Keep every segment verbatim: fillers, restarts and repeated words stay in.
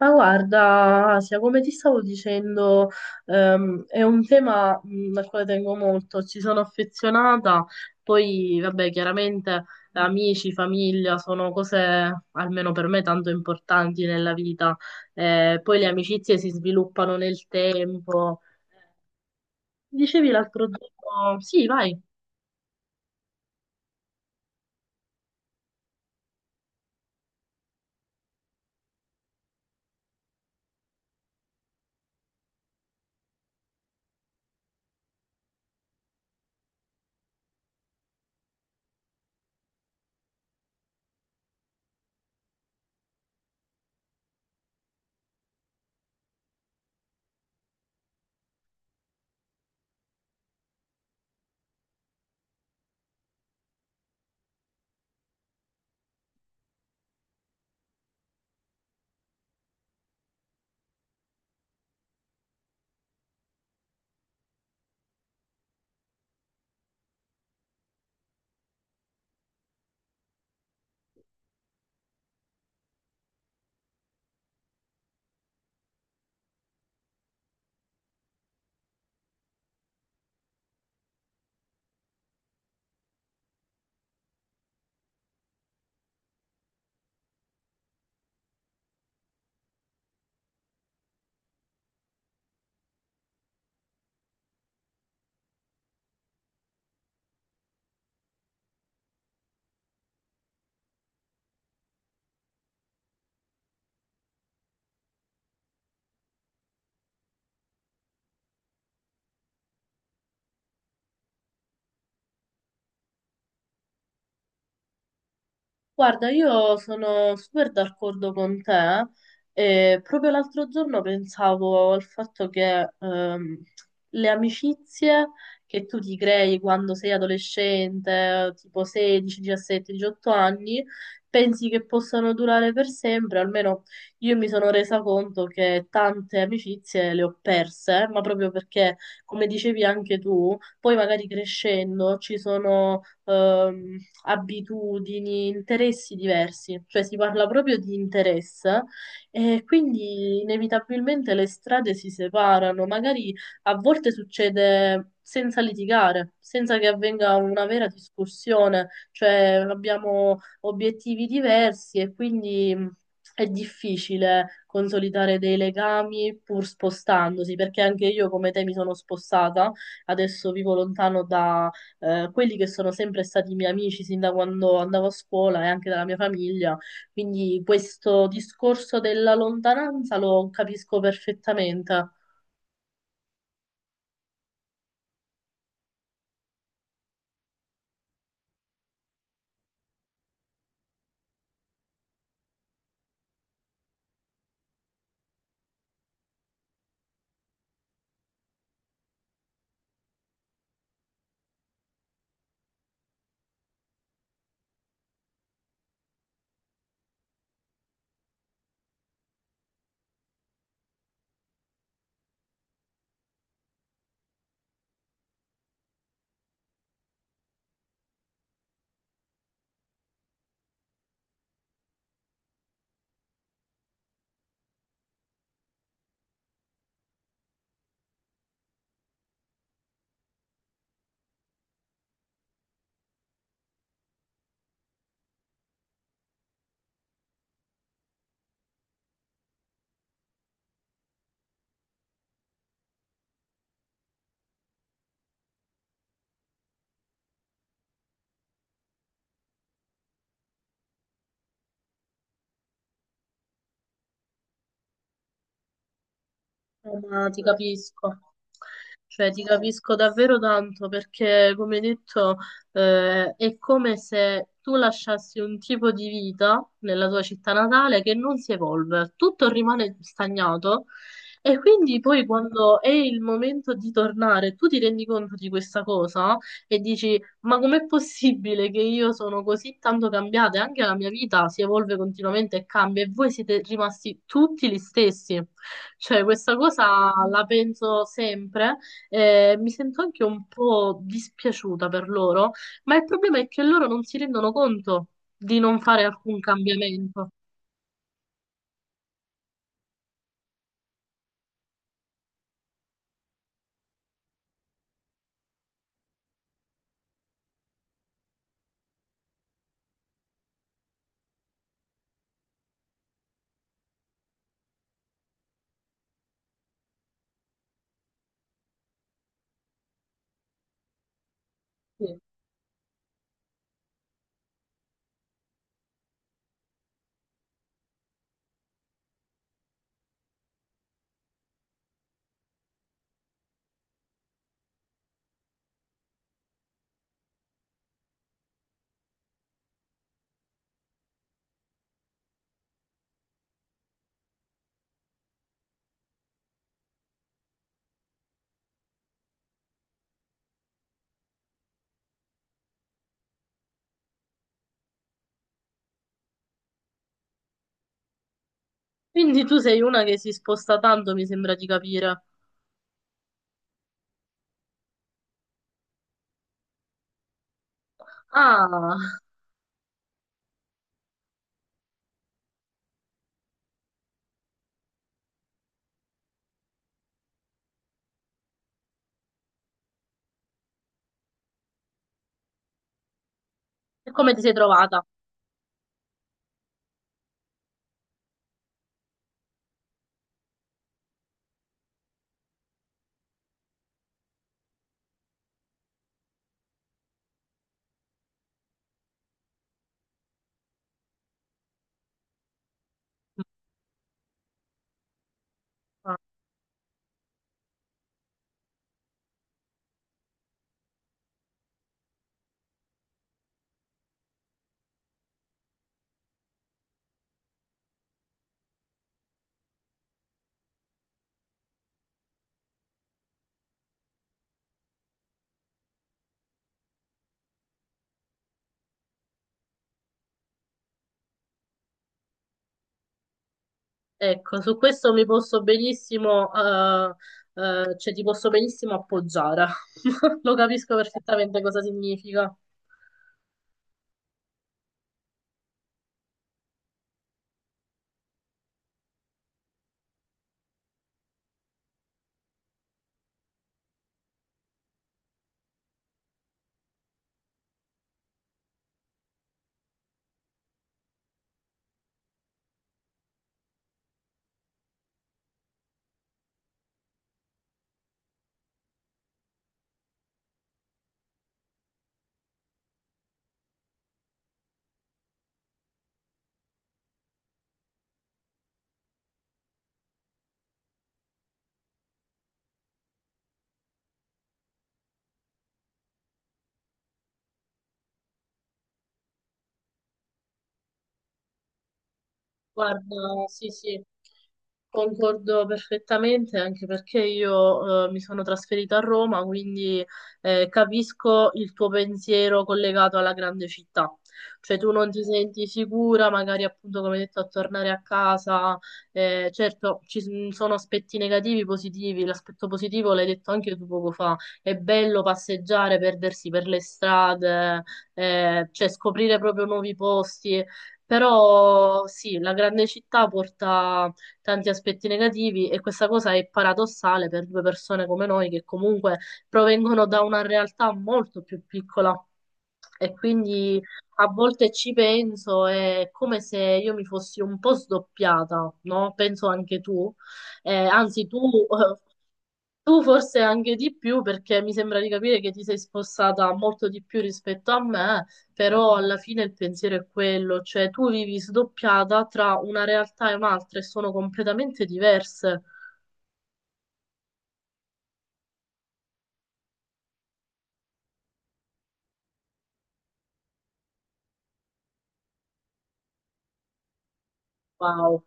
Ma guarda, Asia, come ti stavo dicendo, ehm, è un tema mh, al quale tengo molto, ci sono affezionata. Poi vabbè, chiaramente amici, famiglia sono cose, almeno per me, tanto importanti nella vita. Eh, poi le amicizie si sviluppano nel tempo. Dicevi l'altro giorno, sì, vai. Guarda, io sono super d'accordo con te e proprio l'altro giorno pensavo al fatto che ehm, le amicizie che tu ti crei quando sei adolescente, tipo sedici, diciassette, diciotto anni, pensi che possano durare per sempre. Almeno io mi sono resa conto che tante amicizie le ho perse, ma proprio perché, come dicevi anche tu, poi magari crescendo ci sono ehm, abitudini, interessi diversi, cioè si parla proprio di interesse, e quindi inevitabilmente le strade si separano. Magari a volte succede senza litigare, senza che avvenga una vera discussione, cioè abbiamo obiettivi diversi e quindi mh, è difficile consolidare dei legami pur spostandosi, perché anche io come te mi sono spostata, adesso vivo lontano da eh, quelli che sono sempre stati miei amici sin da quando andavo a scuola e anche dalla mia famiglia. Quindi questo discorso della lontananza lo capisco perfettamente. Eh, Ma ti capisco, cioè ti capisco davvero tanto perché, come detto, eh, è come se tu lasciassi un tipo di vita nella tua città natale che non si evolve, tutto rimane stagnato, e quindi poi quando è il momento di tornare, tu ti rendi conto di questa cosa e dici, ma com'è possibile che io sono così tanto cambiata? E anche la mia vita si evolve continuamente e cambia, e voi siete rimasti tutti gli stessi. Cioè, questa cosa la penso sempre, e mi sento anche un po' dispiaciuta per loro, ma il problema è che loro non si rendono conto di non fare alcun cambiamento. Sì. Quindi tu sei una che si sposta tanto, mi sembra di capire. Ah, e come ti sei trovata? Ah. Ecco, su questo mi posso benissimo, eh, eh, cioè ti posso benissimo appoggiare. Lo capisco perfettamente cosa significa. Guarda, sì, sì, concordo perfettamente, anche perché io eh, mi sono trasferita a Roma, quindi eh, capisco il tuo pensiero collegato alla grande città. Cioè tu non ti senti sicura, magari appunto come detto a tornare a casa. Eh, certo, ci s- sono aspetti negativi, positivi. L'aspetto positivo l'hai detto anche tu poco fa. È bello passeggiare, perdersi per le strade, eh, cioè scoprire proprio nuovi posti. Però sì, la grande città porta tanti aspetti negativi, e questa cosa è paradossale per due persone come noi che comunque provengono da una realtà molto più piccola, e quindi a volte ci penso, è come se io mi fossi un po' sdoppiata, no? Penso anche tu. Eh, anzi tu eh, tu forse anche di più, perché mi sembra di capire che ti sei spostata molto di più rispetto a me, però alla fine il pensiero è quello, cioè tu vivi sdoppiata tra una realtà e un'altra e sono completamente diverse. Wow,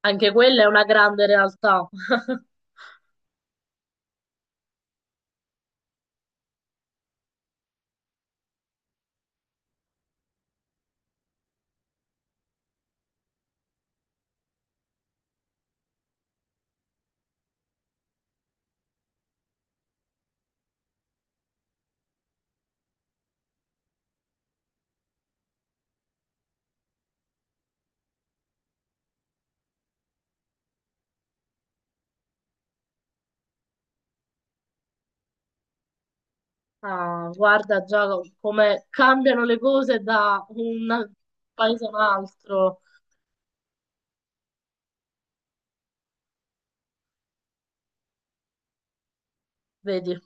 anche quella è una grande realtà. Ah, guarda già come cambiano le cose da un paese a un altro, vedi.